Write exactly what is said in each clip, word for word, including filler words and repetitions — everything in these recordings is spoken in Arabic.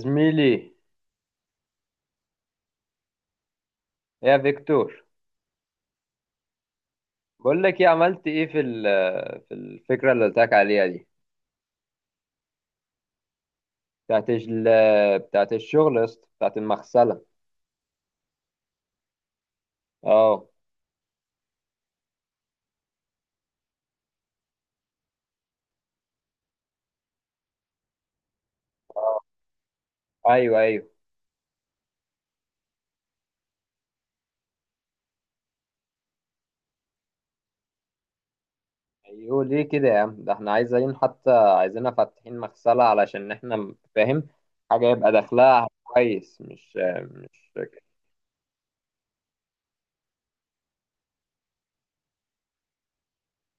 زميلي، يا فيكتور، بقول لك ايه؟ عملت ايه في ال- في الفكره اللي قلت لك عليها دي، بتاعت ال- بتاعت الشغل يا اسطى، بتاعت المغسله. اه. ايوه، ايوه، ايوه، ليه كده يا عم؟ ده احنا عايزين، حتى عايزينها فاتحين مغسله، علشان احنا م- فاهم، حاجه يبقى دخلها كويس، مش مش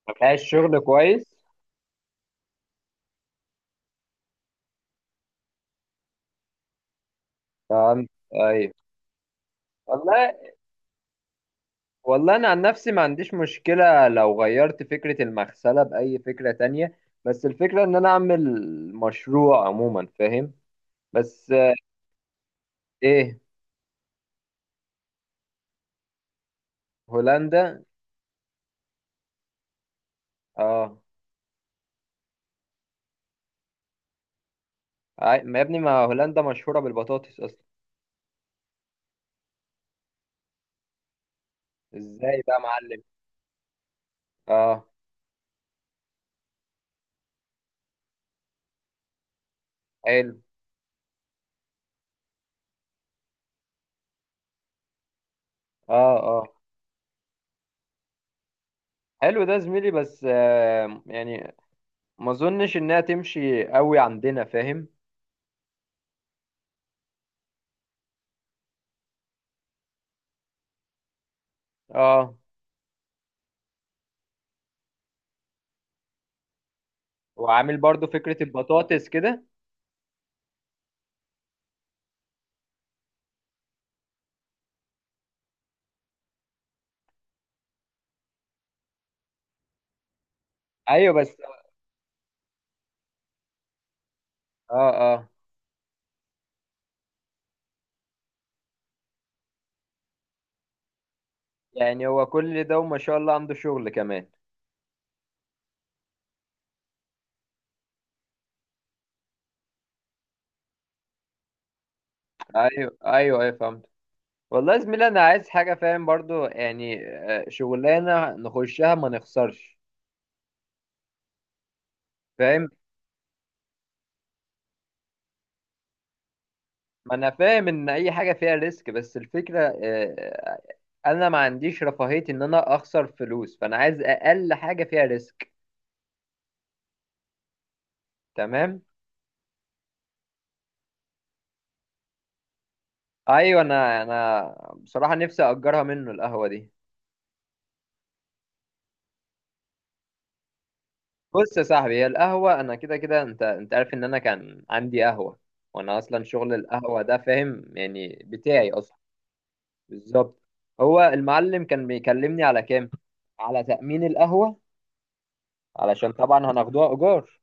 ما فيهاش شغل كويس. فاهم. ايوه. والله والله انا عن نفسي ما عنديش مشكلة لو غيرت فكرة المغسلة بأي فكرة تانية، بس الفكرة ان انا اعمل مشروع عموما، فاهم، بس آه، ايه. هولندا. اه. عي- ما يا ابني، ما هولندا مشهورة بالبطاطس اصلا. ازاي بقى يا معلم؟ اه. حلو. اه، اه. حلو ده زميلي، بس آه يعني ما اظنش انها تمشي قوي عندنا، فاهم. اه. وعامل برضو فكرة البطاطس كده؟ ايوه بس، اه، اه. يعني هو كل ده وما شاء الله عنده شغل كمان؟ ايوه، ايوه، ايوه، فهمت. والله يا زميلي، انا عايز حاجه، فاهم، برضو يعني آه، شغلانه نخشها ما نخسرش. فاهم. ما انا فاهم ان اي حاجه فيها ريسك، بس الفكره آه، انا ما عنديش رفاهيه ان انا اخسر فلوس، فانا عايز اقل حاجه فيها ريسك. تمام. ايوه، انا انا بصراحه نفسي اجرها منه القهوه دي. بص يا صاحبي، هي القهوة أنا كده كده، أنت أنت عارف إن أنا كان عندي قهوة، وأنا أصلا شغل القهوة ده، فاهم، يعني بتاعي أصلا. بالظبط. هو المعلم كان بيكلمني على كام؟ على تأمين القهوة، علشان طبعا هناخدوها إيجار،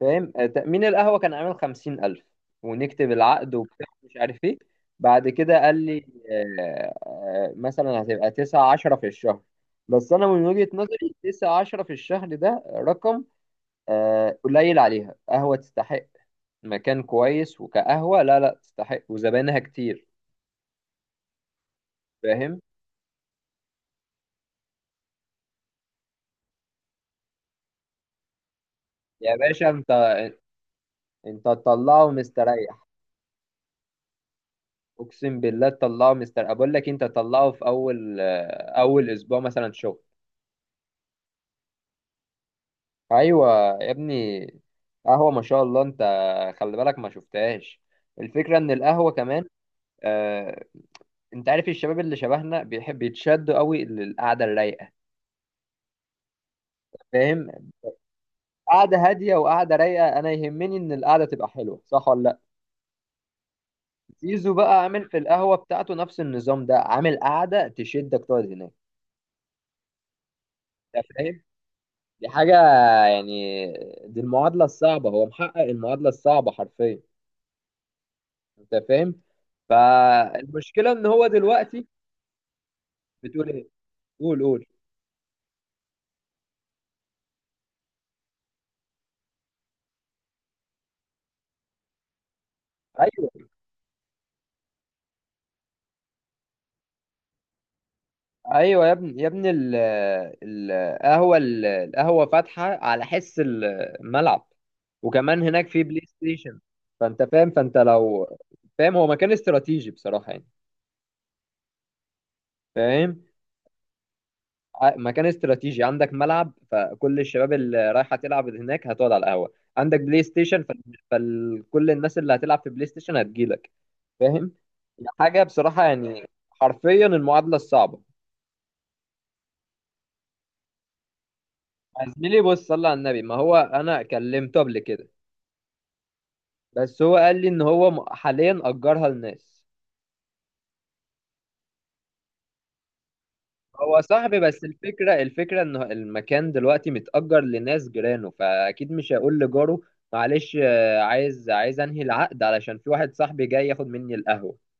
فاهم، آه، تأمين القهوة كان عامل خمسين ألف، ونكتب العقد وبتاع، مش عارف إيه. بعد كده قال لي آه، آه، مثلا هتبقى تسعة عشرة في الشهر. بس أنا من وجهة نظري، تسعة عشرة في الشهر ده رقم آه، قليل عليها. قهوة تستحق، مكان كويس، وكقهوة، لا، لا تستحق، وزباينها كتير، فاهم. يا باشا، انت انت تطلعه مستريح. اقسم بالله تطلعه مستريح، بقول لك انت تطلعه في اول آه، اول اسبوع مثلا شغل. ايوه يا ابني، قهوة ما شاء الله، انت خلي بالك، ما شفتهاش. الفكرة ان القهوة كمان آه، انت عارف الشباب اللي شبهنا بيحب يتشدوا قوي للقعدة الرايقة، فاهم. قعدة هادية وقعدة رايقة، أنا يهمني إن القعدة تبقى حلوة، صح ولا لأ. زيزو بقى عامل في القهوة بتاعته نفس النظام ده، عامل قعدة تشدك تقعد هناك. أنت فاهم. دي حاجة، يعني دي المعادلة الصعبة، هو محقق المعادلة الصعبة حرفيا. أنت فاهم. فالمشكلة إن هو دلوقتي. بتقول إيه؟ قول، قول. أيوه، ايوه يا ابني، يا ابني ال- ال- القهوه ال- القهوه فاتحه على حس الملعب، وكمان هناك في بلاي ستيشن، فانت فاهم. فانت لو، فاهم، هو مكان استراتيجي بصراحه، يعني، فاهم. ع- مكان استراتيجي، عندك ملعب، فكل الشباب اللي رايحه تلعب هناك هتقعد على القهوه، عندك بلاي ستيشن، فكل الناس اللي هتلعب في بلاي ستيشن هتجيلك، فاهم. يعني حاجه بصراحه، يعني حرفيا المعادله الصعبه. يا زميلي بص، صلى على النبي، ما هو انا كلمته قبل كده، بس هو قال لي ان هو م- حاليا اجرها لناس. هو صاحبي، بس الفكره الفكره ان المكان دلوقتي متأجر لناس جيرانه، فاكيد مش هيقول لجاره، معلش، آه، عايز عايز انهي العقد، علشان في واحد صاحبي جاي ياخد مني القهوه.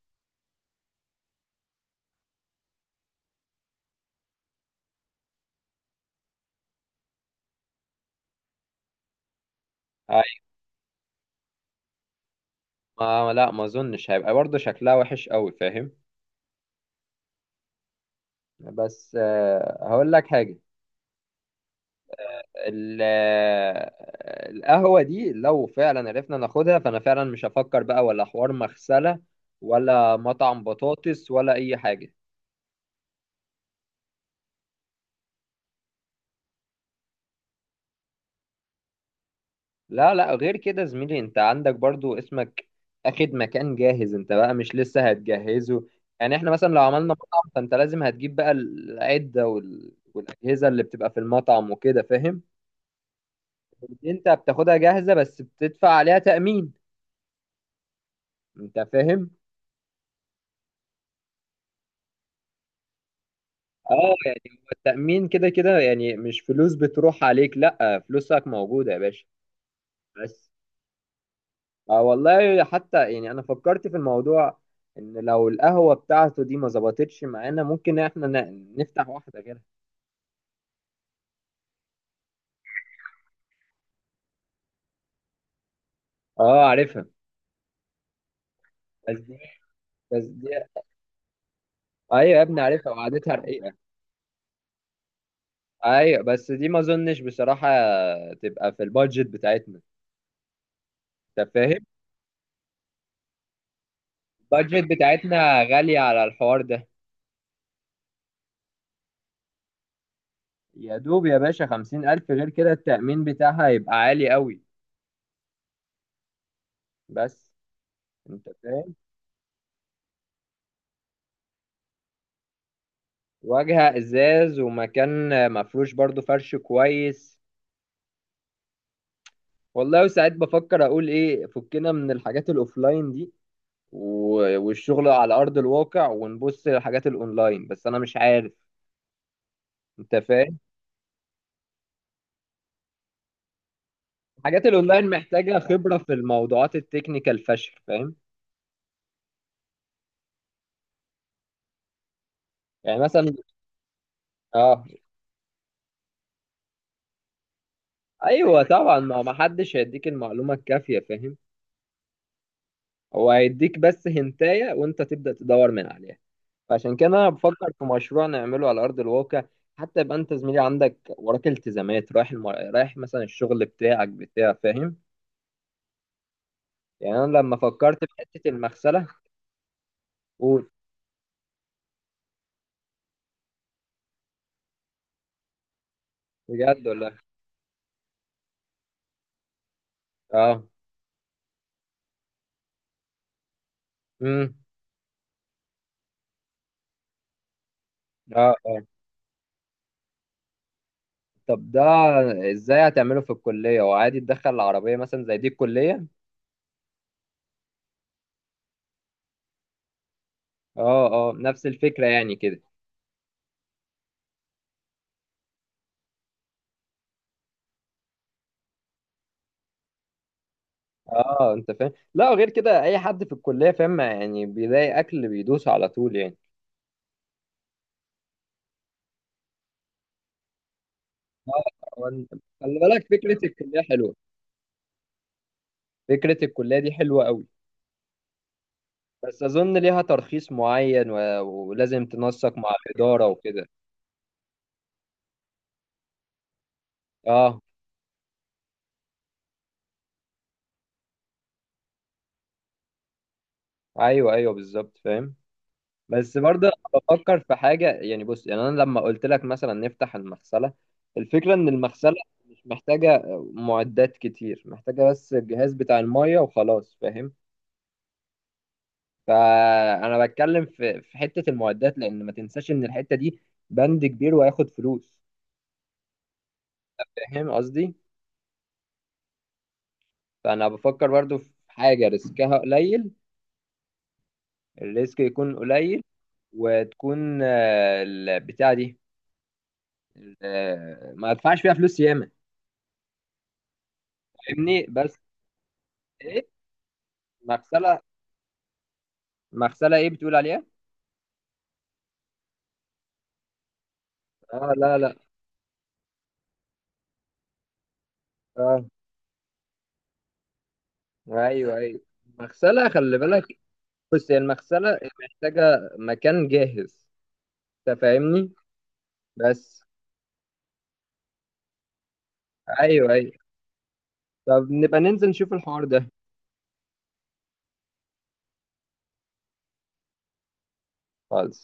أي- ما لا، ما اظنش هيبقى برضه شكلها وحش قوي، فاهم. بس آه، هقول لك حاجه. ال- آه، القهوه دي لو فعلا عرفنا ناخدها، فانا فعلا مش هفكر بقى ولا حوار مغسله، ولا مطعم بطاطس، ولا اي حاجه. لا، لا، غير كده زميلي، انت عندك برضو اسمك اخد مكان جاهز، انت بقى مش لسه هتجهزه. يعني احنا مثلا لو عملنا مطعم، فانت لازم هتجيب بقى العدة وال... والاجهزة اللي بتبقى في المطعم وكده، فاهم. انت بتاخدها جاهزة، بس بتدفع عليها تأمين. انت فاهم. اه، يعني هو التأمين كده كده، يعني مش فلوس بتروح عليك، لا، فلوسك موجودة يا باشا. بس اه، والله، حتى يعني انا فكرت في الموضوع، ان لو القهوة بتاعته دي ما ظبطتش معانا، ممكن احنا ن- نفتح واحدة غيرها. اه، عارفها. بس دي بس دي، ايوه يا ابني، عارفها وقعدتها رقيقة. ايوه، بس دي ما اظنش بصراحة تبقى في البادجت بتاعتنا. انت فاهم. البادجت بتاعتنا غالية على الحوار ده. يا دوب يا باشا خمسين ألف، غير كده التأمين بتاعها يبقى عالي قوي. بس، انت فاهم، واجهة ازاز ومكان مفروش برضو فرش كويس. والله ساعات بفكر اقول ايه، فكنا من الحاجات الاوفلاين دي، و- والشغل على ارض الواقع، ونبص للحاجات الاونلاين، بس انا مش عارف. انت فاهم. الحاجات الاونلاين محتاجه خبره في الموضوعات التكنيكال فشخ، فاهم. يعني مثلا. اه، ايوه طبعا، ما ما حدش هيديك المعلومه الكافيه، فاهم. هو هيديك بس هنتايه، وانت تبدا تدور من عليها. فعشان كده انا بفكر في مشروع نعمله على ارض الواقع، حتى يبقى انت زميلي عندك وراك التزامات، رايح المر... رايح مثلا الشغل بتاعك بتاع فاهم، يعني انا لما فكرت في حته المغسله. قول. بجد ولا؟ اه. امم. اه، اه. طب ده ازاي هتعمله في الكليه؟ وعادي تدخل العربيه مثلا زي دي الكليه؟ اه، اه، نفس الفكره يعني كده. اه، انت فاهم، لا غير كده، اي حد في الكليه، فاهم، يعني بيلاقي اكل بيدوس على طول، يعني. اه، خلي بالك، فكره الكليه حلوه. فكرة الكلية دي حلوة قوي، بس أظن ليها ترخيص معين و... ولازم تنسق مع الإدارة وكده. اه، ايوه، ايوه، بالظبط، فاهم. بس برضه أنا بفكر في حاجة، يعني بص، يعني أنا لما قلت لك مثلا نفتح المغسلة، الفكرة إن المغسلة مش محتاجة معدات كتير، محتاجة بس الجهاز بتاع المية وخلاص، فاهم. فأنا بتكلم في في حتة المعدات، لأن ما تنساش إن الحتة دي بند كبير وهياخد فلوس. فاهم قصدي؟ فأنا بفكر برضه في حاجة ريسكها قليل، الريسك يكون قليل، وتكون آه، البتاعة دي آه، ما ادفعش فيها فلوس ياما، فاهمني؟ بس ايه؟ مغسلة، مغسلة ايه بتقول عليها؟ اه، لا، لا. اه، ايوه، ايوه. مغسلة خلي بالك. بص، هي المغسلة محتاجة مكان جاهز، انت فاهمني؟ بس. ايوه، ايوه، طب نبقى ننزل نشوف الحوار ده. خالص.